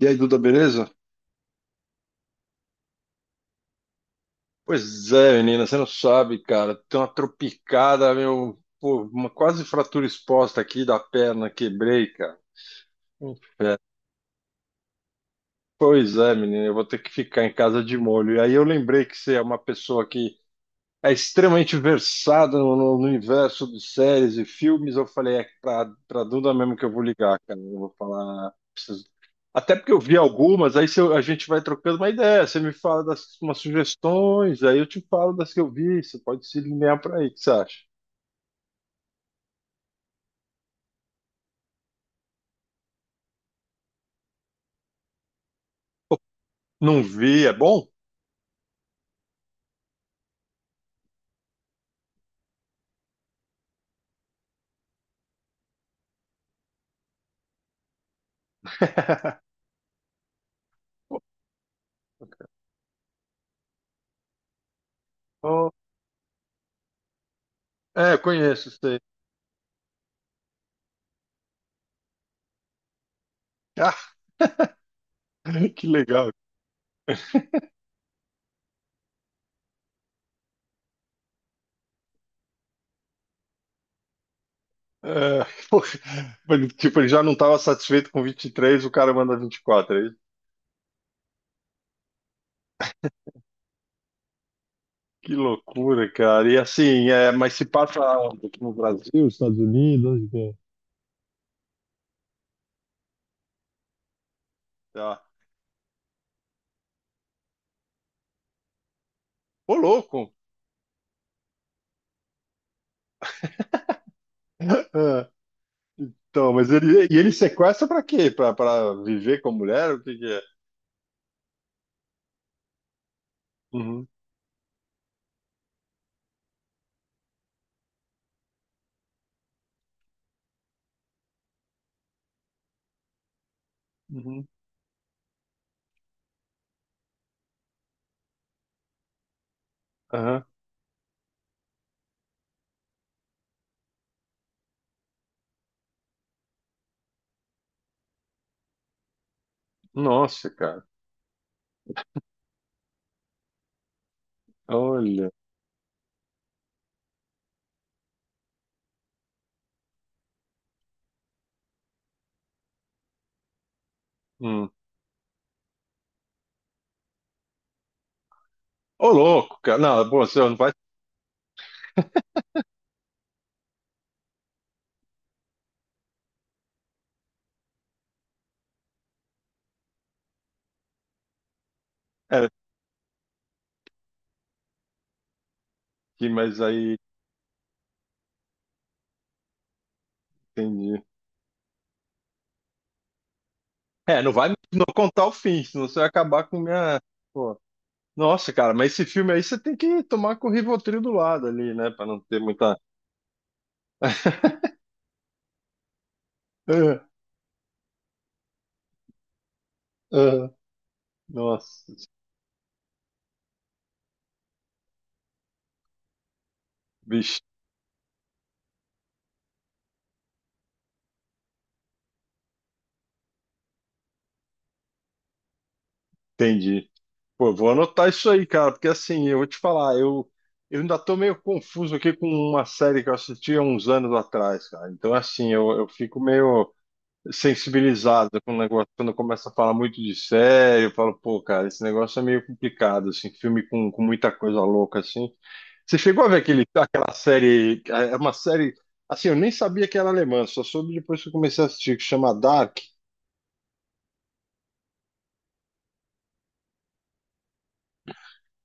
E aí, Duda, beleza? Pois é, menina, você não sabe, cara. Tem uma tropicada, meu. Pô, uma quase fratura exposta aqui da perna, quebrei, cara. Inferno. Pois é, menina, eu vou ter que ficar em casa de molho. E aí eu lembrei que você é uma pessoa que é extremamente versado no universo de séries e filmes. Eu falei, é pra Duda mesmo que eu vou ligar, cara. Eu vou falar, até porque eu vi algumas, aí se eu- a gente vai trocando uma ideia. Você me fala das umas sugestões, aí eu te falo das que eu vi. Você pode se linear pra aí, o que você acha? Não vi, é bom? Oh, é, conheço isso aí. Ah, que legal. É, pô, tipo, ele já não estava satisfeito com 23. O cara manda 24. Que loucura, cara. E assim, é, mas se passa onde? Aqui no Brasil, Estados Unidos, onde que é? Tá. Ô, louco! É, então, mas e ele sequestra pra quê? Pra viver com a mulher? O que que é? Uhum, uhum, aham. Nossa, cara. Olha. Hum. Ô, louco, cara. Não, pô, você não vai. É, mas aí, entendi. É, não contar o fim, senão você vai acabar com minha. Pô. Nossa, cara, mas esse filme aí você tem que tomar com o Rivotril do lado ali, né? Pra não ter muita. Ah, ah, nossa, bicho, entendi. Pô, vou anotar isso aí, cara, porque assim, eu vou te falar, eu ainda tô meio confuso aqui com uma série que eu assisti há uns anos atrás, cara. Então, assim, eu fico meio sensibilizado com o negócio, quando começa a falar muito de série, eu falo, pô, cara, esse negócio é meio complicado, assim, filme com muita coisa louca, assim. Você chegou a ver aquele, aquela série, é uma série, assim, eu nem sabia que era alemã, só soube depois que eu comecei a assistir, que chama Dark.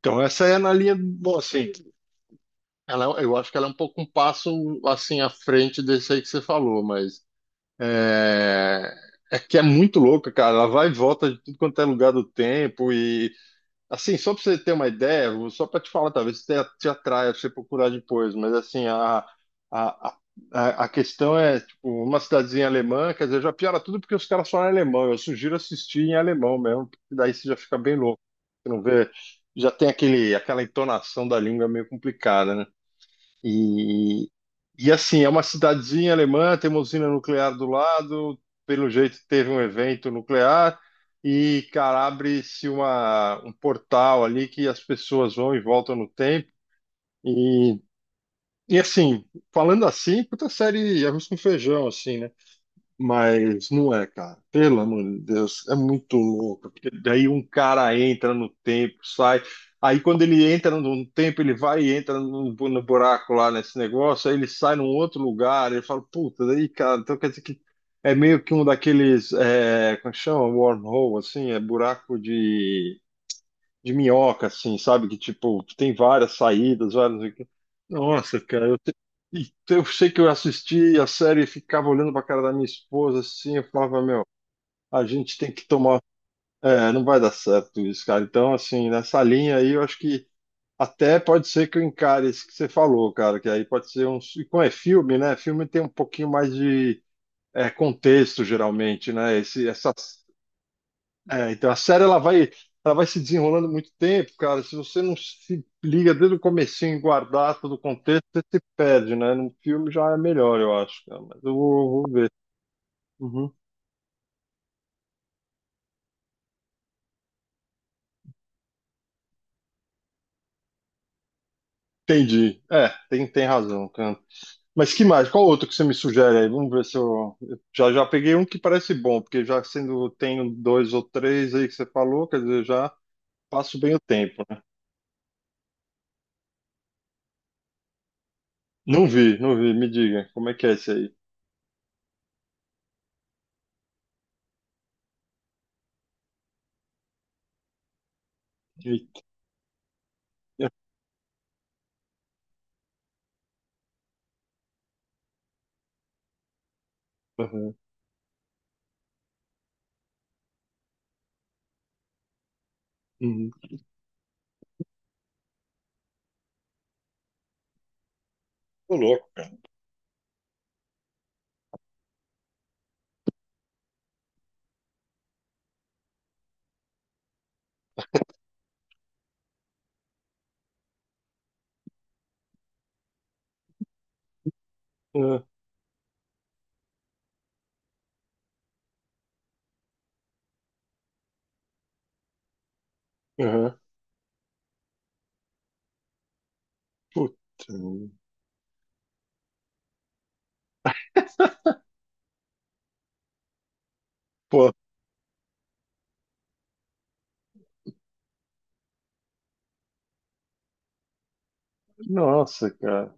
Então, essa é na linha, bom, assim, ela, eu acho que ela é um pouco um passo, assim, à frente desse aí que você falou, mas é, é, que é muito louca, cara, ela vai e volta de tudo quanto é lugar do tempo. E assim, só para você ter uma ideia, só para te falar, talvez te, te atraia pra você procurar depois, mas assim, a, a questão é, tipo, uma cidadezinha alemã, quer dizer, já piora tudo porque os caras falam alemão, eu sugiro assistir em alemão mesmo, porque daí você já fica bem louco, você não vê, já tem aquele, aquela entonação da língua meio complicada, né? E, e assim, é uma cidadezinha alemã, tem uma usina nuclear do lado, pelo jeito teve um evento nuclear, e, cara, abre-se uma, um portal ali que as pessoas vão e voltam no tempo. E, e assim, falando assim, puta série arroz com feijão, assim, né? Mas não é, cara. Pelo amor de Deus, é muito louco. Porque daí um cara entra no tempo, sai. Aí quando ele entra num tempo, ele vai e entra no, no buraco lá nesse negócio, aí ele sai num outro lugar, ele fala, puta, daí, cara, então quer dizer que é meio que um daqueles, é, como chama? Wormhole, assim, é buraco de minhoca, assim, sabe? Que, tipo, tem várias saídas, várias... não sei o quê. Nossa, cara, e eu sei que eu assisti a série e ficava olhando pra cara da minha esposa, assim, eu falava, meu, a gente tem que tomar... É, não vai dar certo isso, cara. Então, assim, nessa linha aí, eu acho que até pode ser que eu encare isso que você falou, cara, que aí pode ser um... E como é filme, né? Filme tem um pouquinho mais de... é, contexto, geralmente, né? Esse, essa é, então a série ela vai se desenrolando muito tempo, cara. Se você não se liga desde o comecinho e guardar todo o contexto, você se perde, né? No filme já é melhor, eu acho, cara. Mas eu vou ver. Uhum. Entendi. É, tem razão, cara. Mas que mais? Qual outro que você me sugere aí? Vamos ver se eu. Já peguei um que parece bom, porque já sendo tenho dois ou três aí que você falou, quer dizer, já passo bem o tempo, né? Não vi, não vi. Me diga, como é que é esse aí? E- Uhum. Uhum. Ô, louco, cara. Aham. Puta. Pô, nossa, cara.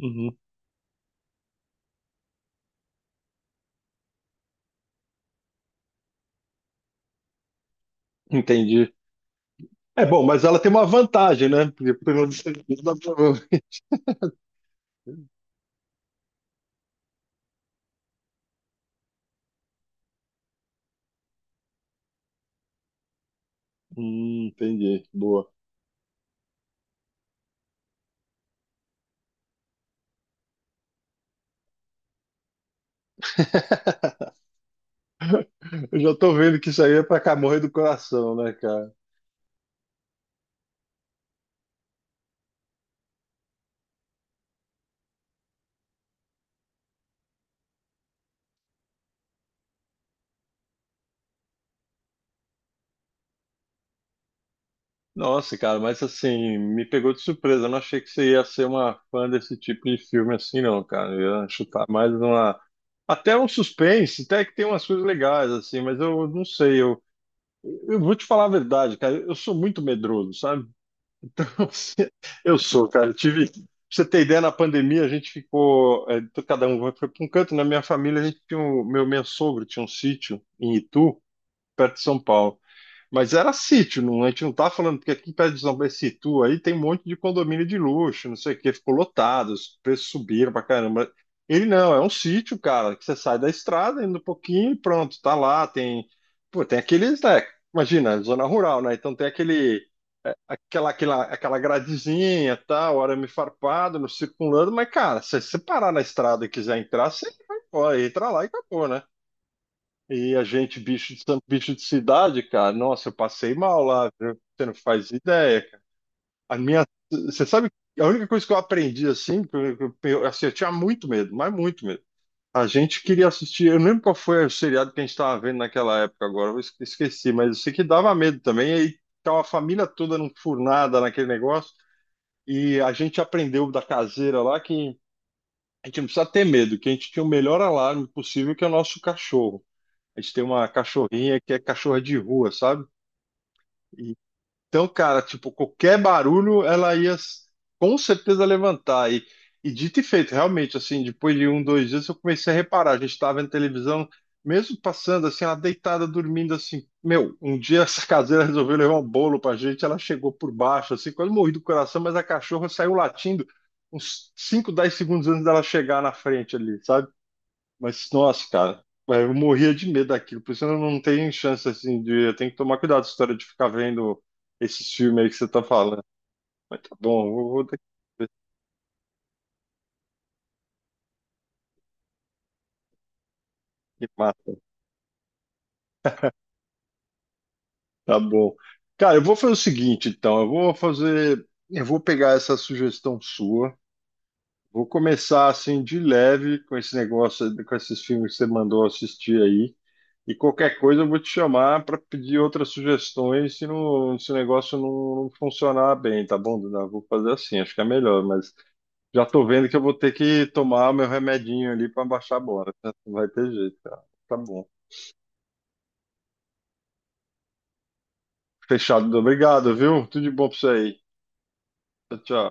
Uhum. Entendi. É bom, mas ela tem uma vantagem, né? Porque pelo menos dá pra- entendi. Boa. Eu já tô vendo que isso aí é pra Camorra do coração, né, cara? Nossa, cara, mas assim, me pegou de surpresa. Eu não achei que você ia ser uma fã desse tipo de filme assim, não, cara. Eu ia chutar mais uma. Até um suspense, até que tem umas coisas legais, assim, mas eu não sei. Eu vou te falar a verdade, cara. Eu sou muito medroso, sabe? Eu sou, cara. Eu tive. Pra você ter ideia, na pandemia a gente ficou. É, cada um foi para um canto. Na minha família, a gente tinha um, meu sogro tinha um sítio em Itu, perto de São Paulo. Mas era sítio, não, a gente não tá falando, porque aqui perto de São Situ aí tem um monte de condomínio de luxo, não sei o que, ficou lotado, os preços subiram pra caramba. Ele não, é um sítio, cara, que você sai da estrada, indo um pouquinho e pronto, tá lá, tem, pô, tem aqueles, né, imagina, zona rural, né, então tem aquele, é, aquela gradezinha, tal, arame farpado, no circulando, mas, cara, se você parar na estrada e quiser entrar, você vai, ó, entra lá e acabou, né? E a gente, bicho de, bicho de cidade, cara, nossa, eu passei mal lá, viu? Você não faz ideia, cara. A minha, você sabe, a única coisa que eu aprendi, assim, assim, eu tinha muito medo, mas muito medo. A gente queria assistir, eu não lembro qual foi o seriado que a gente estava vendo naquela época agora, esqueci, mas eu sei que dava medo também, e aí tava a família toda num furnada naquele negócio, e a gente aprendeu da caseira lá que a gente não precisa ter medo, que a gente tinha o melhor alarme possível, que é o nosso cachorro. A gente tem uma cachorrinha que é cachorra de rua, sabe? E- Então, cara, tipo, qualquer barulho com certeza levantar. E dito e feito, realmente, assim, depois de um, dois dias eu comecei a reparar. A gente estava vendo televisão, mesmo passando, assim, ela deitada, dormindo, assim. Meu, um dia essa caseira resolveu levar um bolo pra gente, ela chegou por baixo, assim, quase morri do coração, mas a cachorra saiu latindo uns 5, 10 segundos antes dela chegar na frente ali, sabe? Mas, nossa, cara, é, eu morria de medo daquilo. Por isso eu não tenho chance, assim, de... Eu tenho que tomar cuidado com a história de ficar vendo esses filmes aí que você tá falando. Mas tá bom, eu vou daqui ver se me mata. Tá bom. Cara, eu vou fazer o seguinte, então. Eu vou fazer... Eu vou pegar essa sugestão sua. Vou começar assim de leve com esse negócio, com esses filmes que você mandou assistir aí. E qualquer coisa eu vou te chamar para pedir outras sugestões se, não, se o negócio não funcionar bem, tá bom, Duda? Vou fazer assim, acho que é melhor, mas já tô vendo que eu vou ter que tomar meu remedinho ali para baixar a bola, né? Não vai ter jeito, cara. Tá bom. Fechado, Duda. Obrigado, viu? Tudo de bom pra você aí. Tchau, tchau.